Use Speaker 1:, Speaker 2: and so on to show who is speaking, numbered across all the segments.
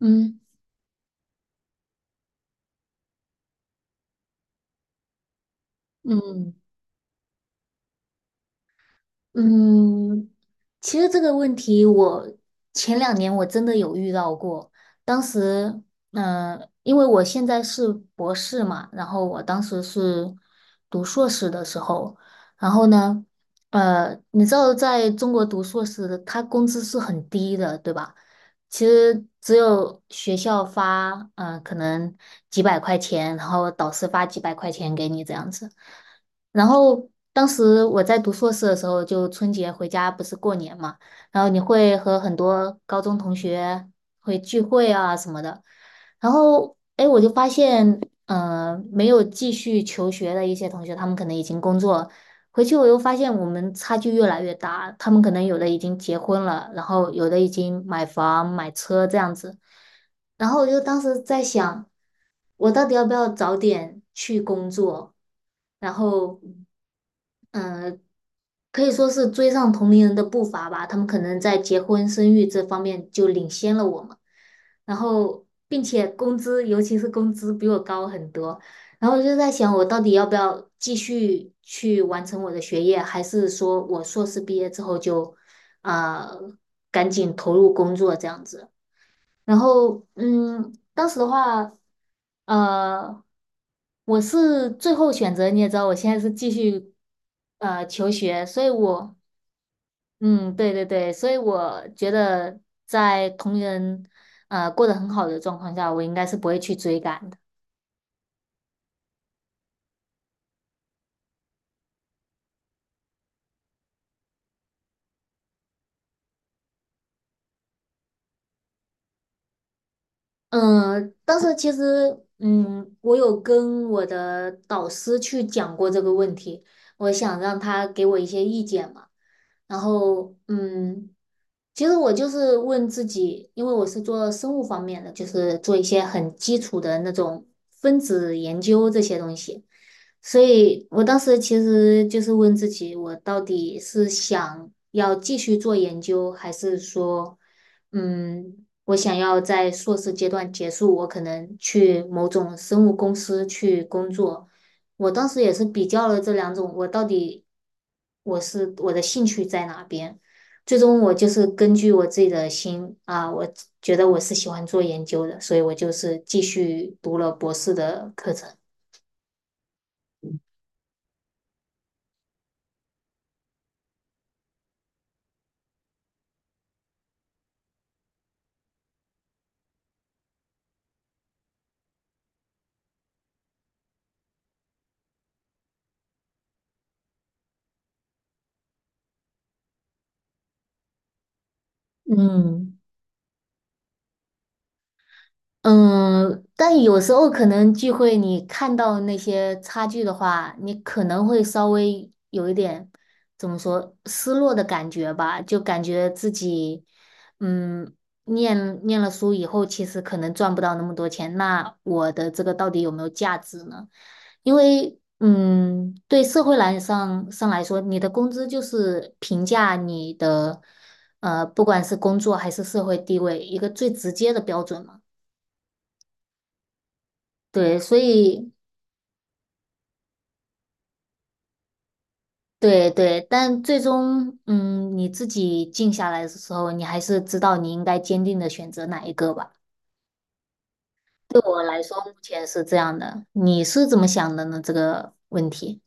Speaker 1: 嗯嗯嗯，其实这个问题我前两年真的有遇到过。当时，因为我现在是博士嘛，然后我当时是读硕士的时候，然后呢，你知道在中国读硕士的他工资是很低的，对吧？其实只有学校发，可能几百块钱，然后导师发几百块钱给你这样子。然后当时我在读硕士的时候，就春节回家不是过年嘛，然后你会和很多高中同学会聚会啊什么的，然后诶我就发现，没有继续求学的一些同学，他们可能已经工作，回去我又发现我们差距越来越大，他们可能有的已经结婚了，然后有的已经买房买车这样子。然后我就当时在想，我到底要不要早点去工作？然后可以说是追上同龄人的步伐吧，他们可能在结婚生育这方面就领先了我们，然后并且工资，尤其是工资比我高很多，然后我就在想，我到底要不要继续去完成我的学业，还是说我硕士毕业之后就，呃，赶紧投入工作这样子？然后，当时的话，呃，我是最后选择，你也知道，我现在是继续求学，所以我，嗯，对对对，所以我觉得在同人过得很好的状况下，我应该是不会去追赶的。嗯，当时其实，我有跟我的导师去讲过这个问题，我想让他给我一些意见嘛。然后，其实我就是问自己，因为我是做生物方面的，就是做一些很基础的那种分子研究这些东西，所以我当时其实就是问自己，我到底是想要继续做研究，还是说，嗯。我想要在硕士阶段结束，我可能去某种生物公司去工作。我当时也是比较了这两种，我到底我的兴趣在哪边？最终我就是根据我自己的心啊，我觉得我是喜欢做研究的，所以我就是继续读了博士的课程。嗯。嗯，但有时候可能聚会，你看到那些差距的话，你可能会稍微有一点怎么说失落的感觉吧，就感觉自己，嗯，念了书以后，其实可能赚不到那么多钱，那我的这个到底有没有价值呢？因为，嗯，对社会上来说，你的工资就是评价你的，不管是工作还是社会地位，一个最直接的标准嘛。对，所以对对，但最终，嗯，你自己静下来的时候，你还是知道你应该坚定的选择哪一个吧。对我来说，目前是这样的。你是怎么想的呢？这个问题？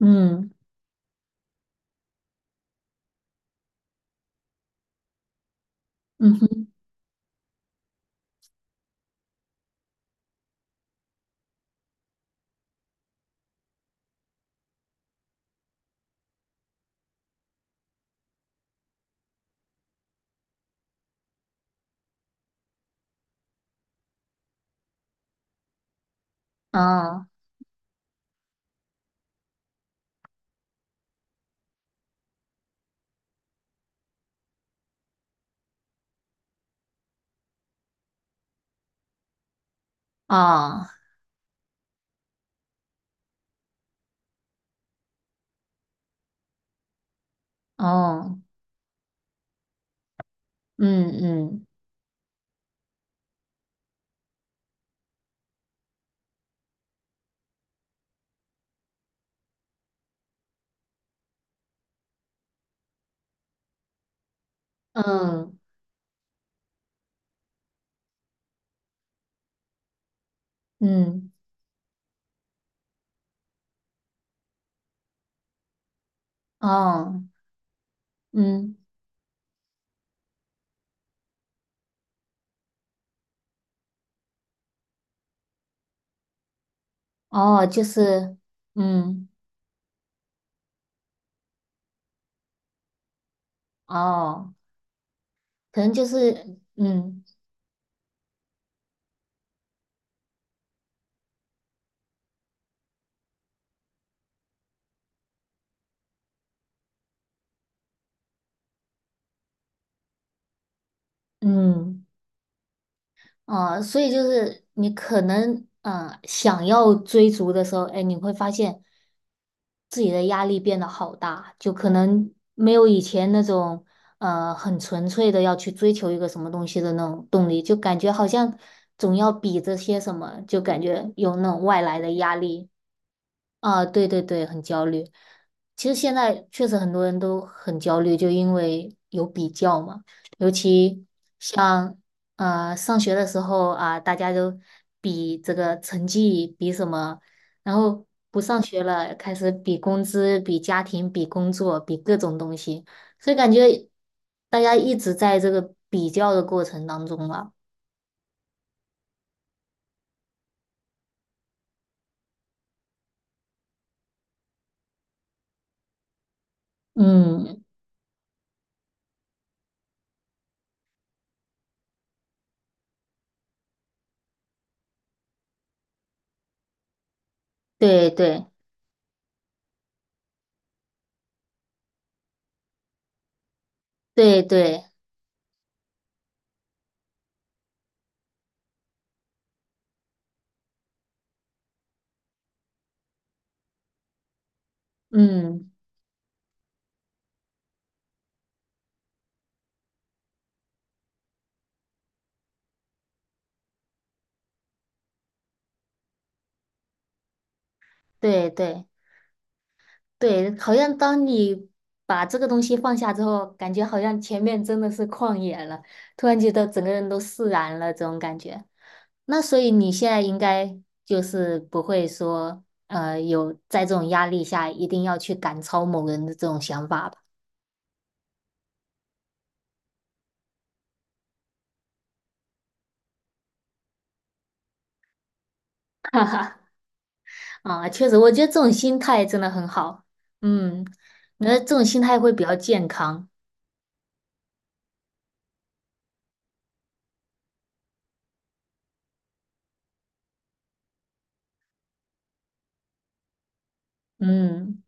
Speaker 1: 嗯，嗯哼，哦哦哦，嗯嗯嗯嗯，哦嗯哦，就是嗯哦，可能就是嗯嗯。所以就是你可能嗯，想要追逐的时候，哎，你会发现自己的压力变得好大，就可能没有以前那种很纯粹的要去追求一个什么东西的那种动力，就感觉好像总要比着些什么，就感觉有那种外来的压力。啊，对对对，很焦虑。其实现在确实很多人都很焦虑，就因为有比较嘛。尤其像上学的时候啊，大家都比这个成绩，比什么，然后不上学了，开始比工资、比家庭、比工作、比各种东西，所以感觉大家一直在这个比较的过程当中了。嗯，对对对对，嗯，对对。对，好像当你把这个东西放下之后，感觉好像前面真的是旷野了，突然觉得整个人都释然了，这种感觉。那所以你现在应该就是不会说，有在这种压力下一定要去赶超某人的这种想法吧？啊，确实，我觉得这种心态真的很好。嗯，那这种心态会比较健康。嗯。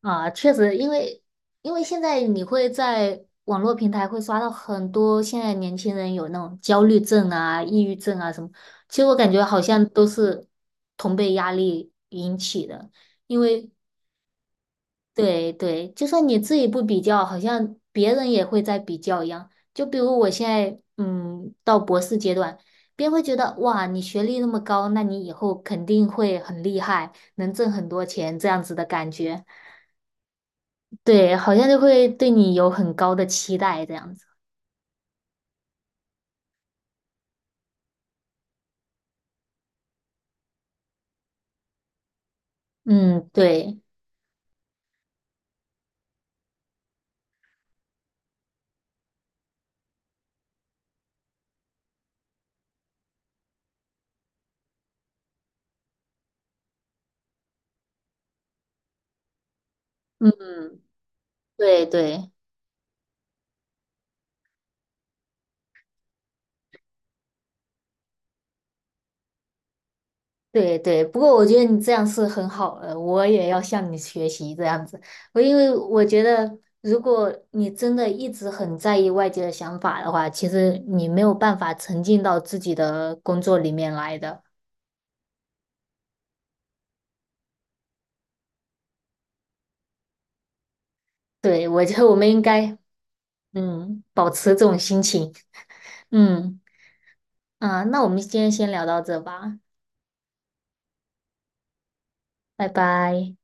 Speaker 1: 啊，确实，因为现在你会在网络平台会刷到很多现在年轻人有那种焦虑症啊、抑郁症啊什么，其实我感觉好像都是同辈压力引起的，因为对对，就算你自己不比较，好像别人也会在比较一样。就比如我现在嗯到博士阶段，别人会觉得哇，你学历那么高，那你以后肯定会很厉害，能挣很多钱这样子的感觉。对，好像就会对你有很高的期待这样子。嗯，对，嗯，对对对对。不过我觉得你这样是很好的，我也要向你学习这样子。因为我觉得，如果你真的一直很在意外界的想法的话，其实你没有办法沉浸到自己的工作里面来的。对，我觉得我们应该，嗯，保持这种心情。嗯，啊，那我们今天先聊到这吧，拜拜。